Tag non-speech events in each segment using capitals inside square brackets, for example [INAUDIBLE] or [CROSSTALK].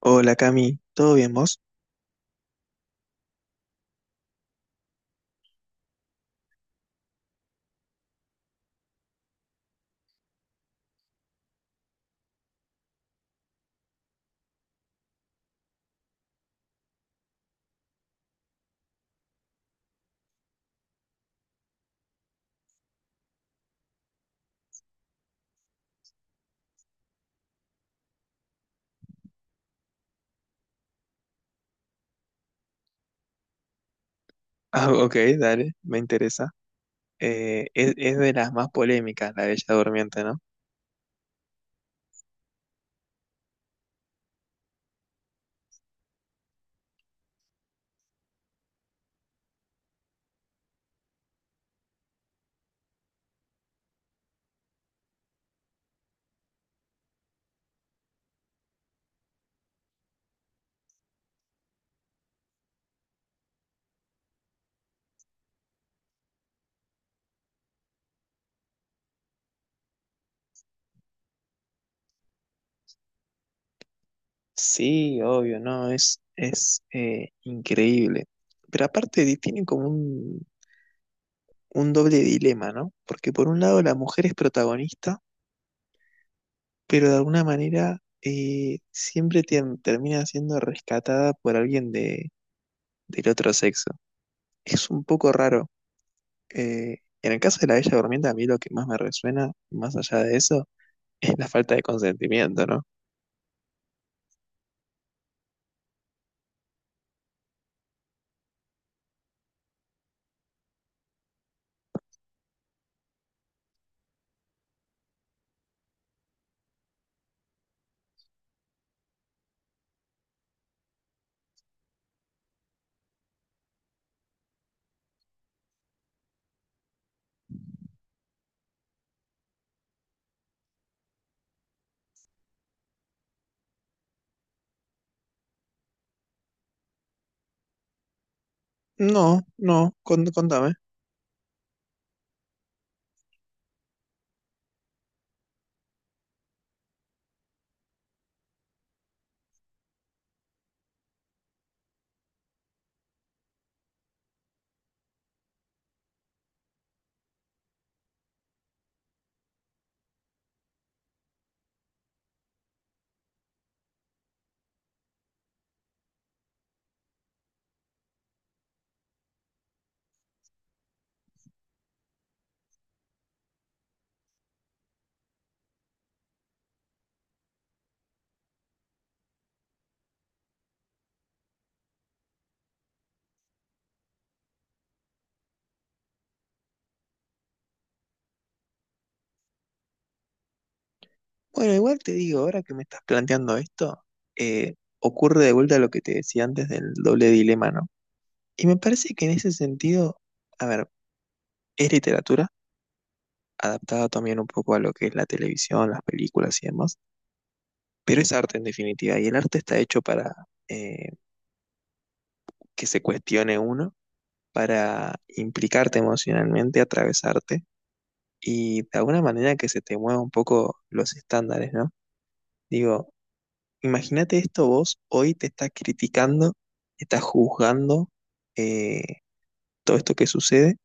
Hola Cami, ¿todo bien vos? Ah, ok, dale, me interesa. Es de las más polémicas, la Bella Durmiente, ¿no? Sí, obvio, no, es increíble. Pero aparte tiene como un doble dilema, ¿no? Porque por un lado la mujer es protagonista, pero de alguna manera siempre termina siendo rescatada por alguien de, del otro sexo. Es un poco raro. En el caso de la Bella Durmiente, a mí lo que más me resuena, más allá de eso, es la falta de consentimiento, ¿no? No, no, contame. Bueno, igual te digo, ahora que me estás planteando esto, ocurre de vuelta lo que te decía antes del doble dilema, ¿no? Y me parece que en ese sentido, a ver, es literatura, adaptada también un poco a lo que es la televisión, las películas y demás, pero es arte en definitiva, y el arte está hecho para eh, que se cuestione uno, para implicarte emocionalmente, atravesarte, y de alguna manera que se te mueva un poco los estándares, ¿no? Digo, imagínate esto, vos hoy te estás criticando, estás juzgando eh, todo esto que sucede.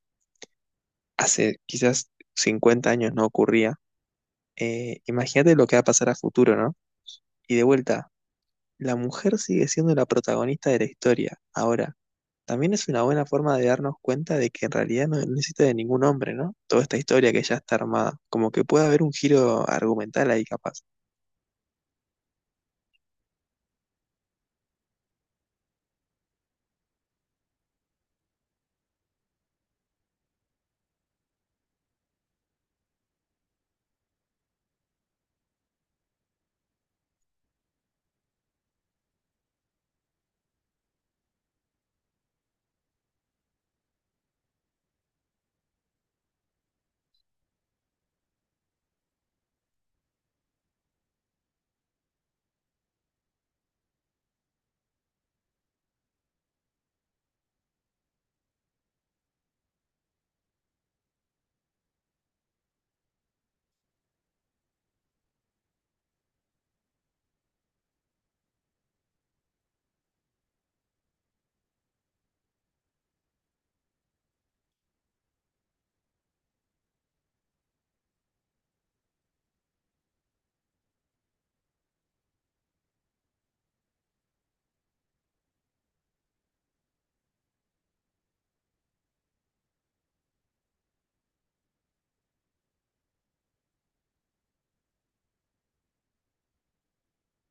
Hace quizás 50 años no ocurría. Imagínate lo que va a pasar a futuro, ¿no? Y de vuelta, la mujer sigue siendo la protagonista de la historia. Ahora, también es una buena forma de darnos cuenta de que en realidad no necesita de ningún hombre, ¿no? Toda esta historia que ya está armada. Como que puede haber un giro argumental ahí capaz.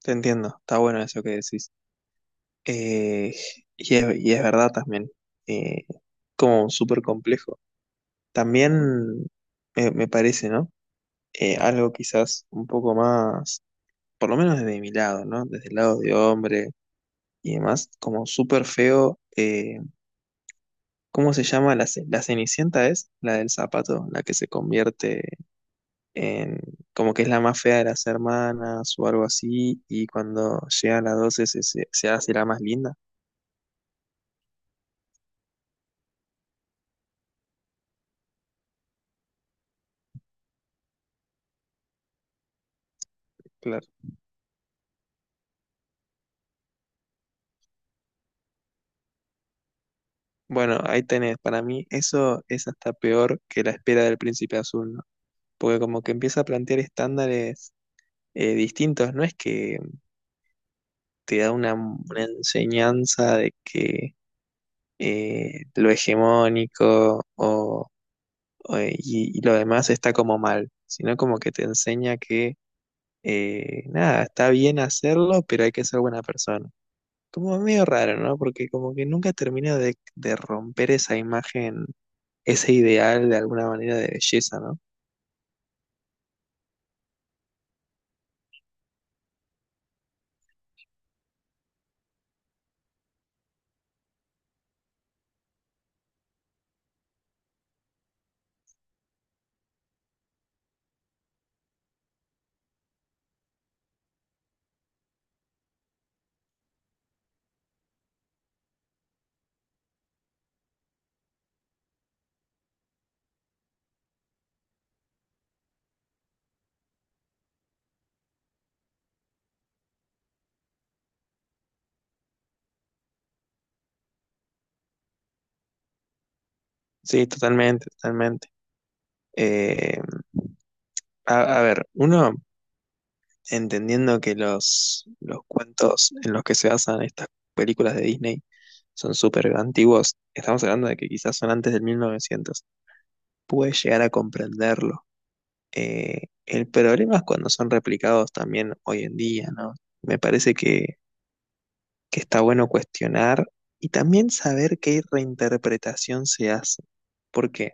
Te entiendo, está bueno eso que decís. Eh, y es, y es verdad también, eh, como súper complejo. También me parece, ¿no? Algo quizás un poco más, por lo menos desde mi lado, ¿no? Desde el lado de hombre y demás, como súper feo. ¿Cómo se llama? La Cenicienta es la del zapato, la que se convierte en, como que es la más fea de las hermanas o algo así, y cuando llega a las 12 se hace la más linda. Claro. Bueno, ahí tenés, para mí eso es hasta peor que la espera del príncipe azul, ¿no? Porque como que empieza a plantear estándares distintos, no es que te da una enseñanza de que lo hegemónico o lo demás está como mal, sino como que te enseña que nada, está bien hacerlo, pero hay que ser buena persona. Como medio raro, ¿no? Porque como que nunca termina de romper esa imagen ese ideal de alguna manera de belleza, ¿no? Sí, totalmente, totalmente. Eh, a ver, uno entendiendo que los cuentos en los que se basan estas películas de Disney son súper antiguos, estamos hablando de que quizás son antes del 1900, puede llegar a comprenderlo. El problema es cuando son replicados también hoy en día, ¿no? Me parece que está bueno cuestionar y también saber qué reinterpretación se hace, porque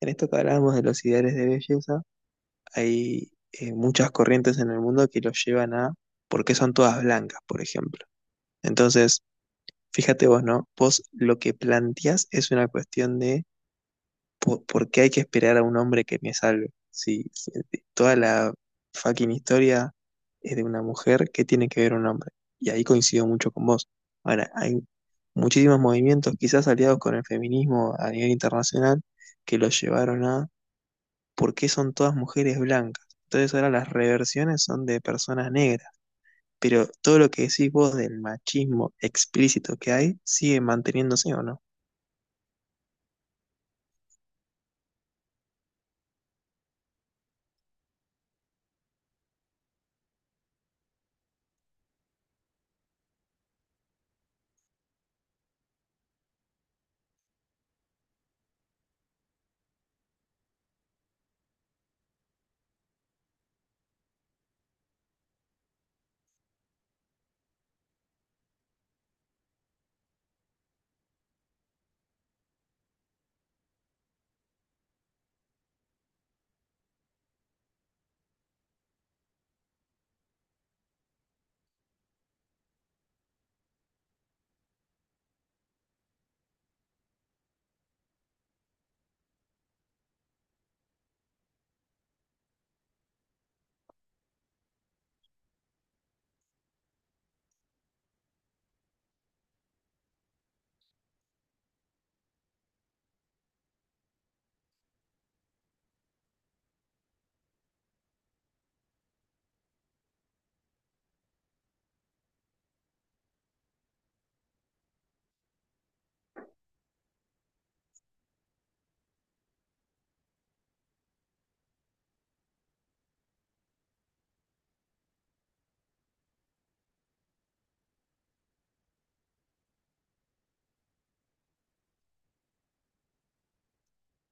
en esto que hablábamos de los ideales de belleza, hay muchas corrientes en el mundo que los llevan a por qué son todas blancas, por ejemplo. Entonces, fíjate vos, ¿no? Vos lo que planteás es una cuestión de por qué hay que esperar a un hombre que me salve. Si toda la fucking historia es de una mujer, ¿qué tiene que ver un hombre? Y ahí coincido mucho con vos. Ahora, hay muchísimos movimientos, quizás aliados con el feminismo a nivel internacional, que los llevaron a porque son todas mujeres blancas. Entonces ahora las reversiones son de personas negras. Pero todo lo que decís vos del machismo explícito que hay sigue manteniéndose o no.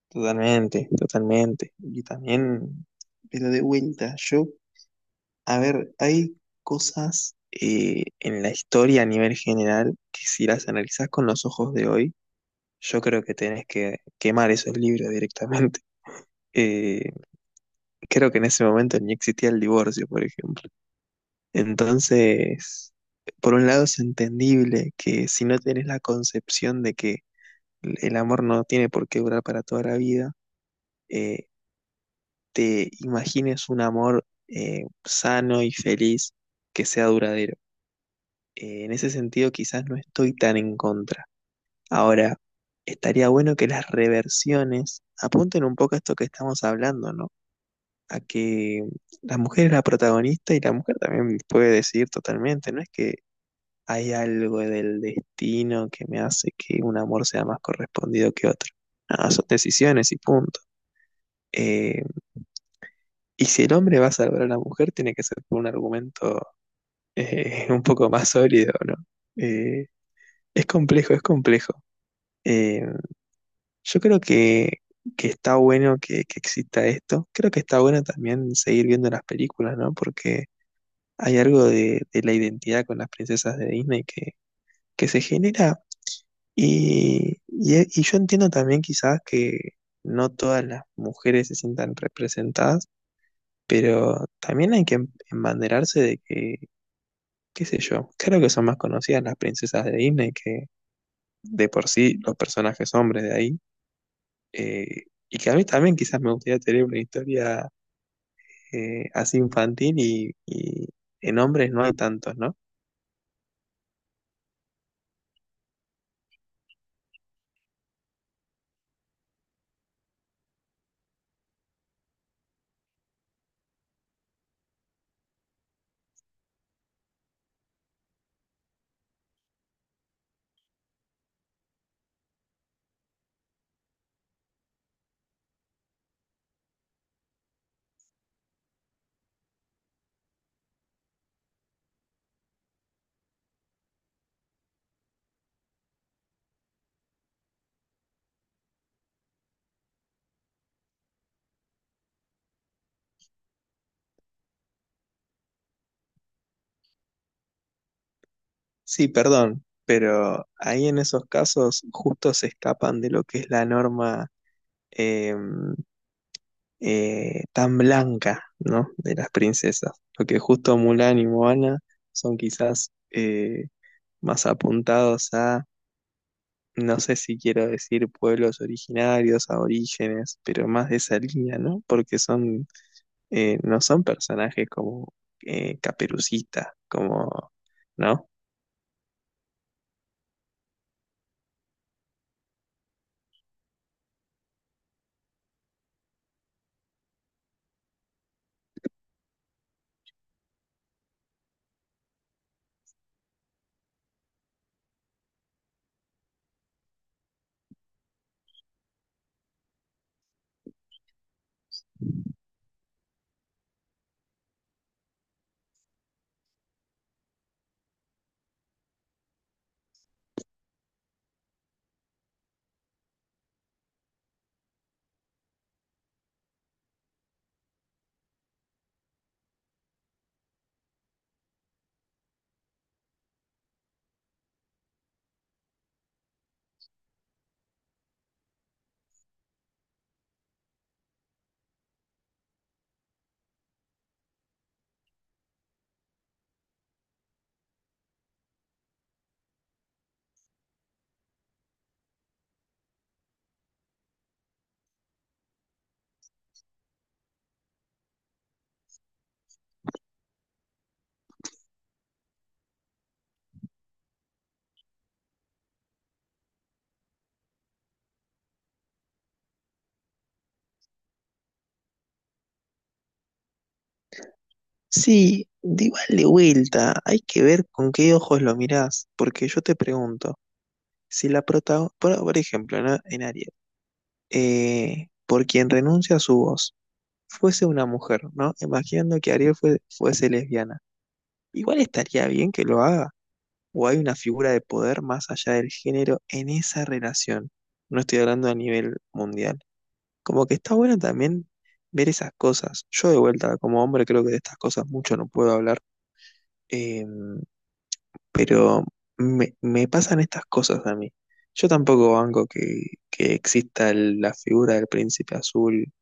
Totalmente, totalmente. Y también, pero de vuelta, yo, a ver, hay cosas en la historia a nivel general que si las analizás con los ojos de hoy, yo creo que tenés que quemar esos libros directamente. [LAUGHS] Eh, creo que en ese momento ni existía el divorcio, por ejemplo. Entonces, por un lado es entendible que si no tenés la concepción de que el amor no tiene por qué durar para toda la vida, eh, te imagines un amor sano y feliz que sea duradero. En ese sentido, quizás no estoy tan en contra. Ahora, estaría bueno que las reversiones apunten un poco a esto que estamos hablando, ¿no? A que la mujer es la protagonista y la mujer también puede decidir totalmente, no es que hay algo del destino que me hace que un amor sea más correspondido que otro. Nada, son decisiones y punto. Eh, y si el hombre va a salvar a la mujer, tiene que ser por un argumento [LAUGHS] un poco más sólido, ¿no? Eh, es complejo, es complejo. Eh, yo creo que está bueno que exista esto. Creo que está bueno también seguir viendo las películas, ¿no? Porque hay algo de la identidad con las princesas de Disney que se genera. Y yo entiendo también quizás que no todas las mujeres se sientan representadas, pero también hay que embanderarse de que, qué sé yo, creo que son más conocidas las princesas de Disney que de por sí los personajes hombres de ahí. eh, y que a mí también quizás me gustaría tener una historia así infantil y en hombres no hay tantos, ¿no? Sí, perdón, pero ahí en esos casos justo se escapan de lo que es la norma. em, Tan blanca, ¿no? De las princesas. Porque justo Mulan y Moana son quizás más apuntados a, no sé si quiero decir pueblos originarios, a orígenes, pero más de esa línea, ¿no? Porque son, no son personajes como Caperucita, como, ¿no? Sí, de igual de vuelta, hay que ver con qué ojos lo mirás, porque yo te pregunto, si la prota, por ejemplo, ¿no? En Ariel, por quien renuncia a su voz fuese una mujer, ¿no? Imaginando que Ariel fuese lesbiana. Igual estaría bien que lo haga, o hay una figura de poder más allá del género en esa relación. No estoy hablando a nivel mundial. Como que está bueno también ver esas cosas. Yo de vuelta, como hombre, creo que de estas cosas mucho no puedo hablar, eh, pero me pasan estas cosas a mí. Yo tampoco banco que exista la figura del príncipe azul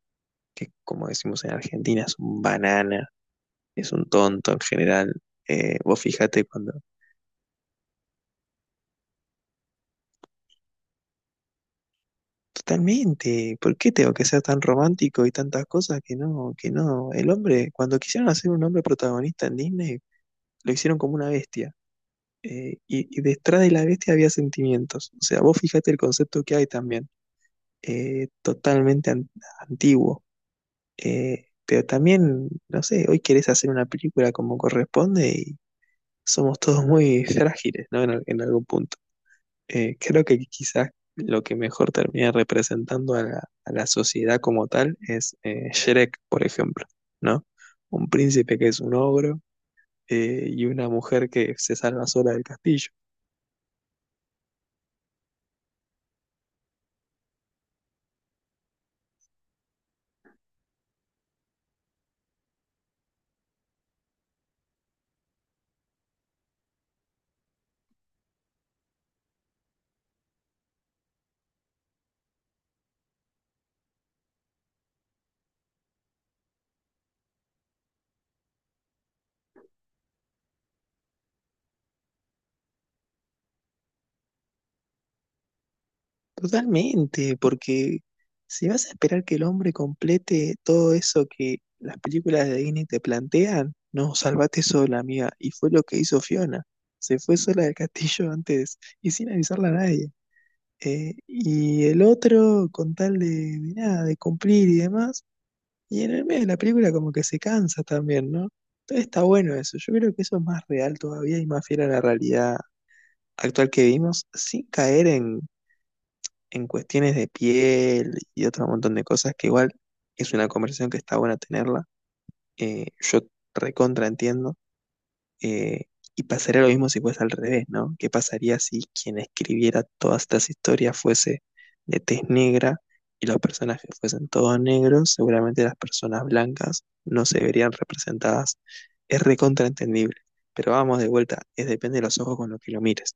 que como decimos en Argentina es un banana, es un tonto en general. Vos fíjate cuando... Totalmente, ¿por qué tengo que ser tan romántico y tantas cosas que no, que no? El hombre, cuando quisieron hacer un hombre protagonista en Disney, lo hicieron como una bestia. Y detrás de la bestia había sentimientos. O sea, vos fíjate el concepto que hay también. Totalmente antiguo. Pero también, no sé, hoy querés hacer una película como corresponde y, somos todos muy frágiles, ¿no? En algún punto. Creo que quizás lo que mejor termina representando a a la sociedad como tal es Shrek, por ejemplo, ¿no? Un príncipe que es un ogro y una mujer que se salva sola del castillo. Totalmente, porque si vas a esperar que el hombre complete todo eso que las películas de Disney te plantean, no, salvate sola, amiga. Y fue lo que hizo Fiona. Se fue sola del castillo antes y sin avisarle a nadie. Y el otro con tal de nada, de cumplir y demás. Y en el medio de la película como que se cansa también, ¿no? Entonces está bueno eso. Yo creo que eso es más real todavía y más fiel a la realidad actual que vivimos, sin caer en cuestiones de piel y otro montón de cosas que igual es una conversación que está buena tenerla. Yo recontra entiendo. Eh, y pasaría lo mismo si fuese al revés, ¿no? ¿Qué pasaría si quien escribiera todas estas historias fuese de tez negra y los personajes fuesen todos negros? Seguramente las personas blancas no se verían representadas. Es recontraentendible. Pero vamos de vuelta, es depende de los ojos con los que lo mires.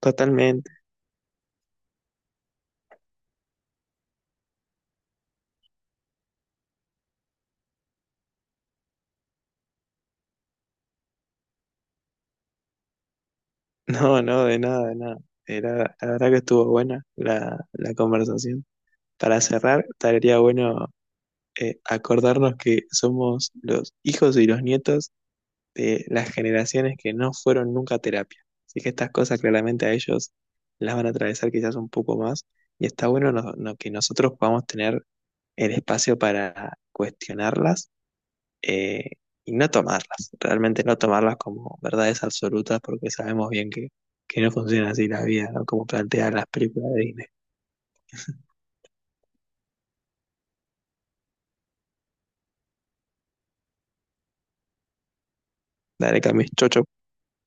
Totalmente. [LAUGHS] No, no, de nada, de nada. La verdad que estuvo buena la conversación. Para cerrar, estaría bueno acordarnos que somos los hijos y los nietos de las generaciones que no fueron nunca a terapia. Así que estas cosas claramente a ellos las van a atravesar quizás un poco más y está bueno que nosotros podamos tener el espacio para cuestionarlas eh, y no tomarlas, realmente no tomarlas como verdades absolutas porque sabemos bien que no funciona así la vida, ¿no? Como plantean las películas de Disney. Dale, Camis, chocho.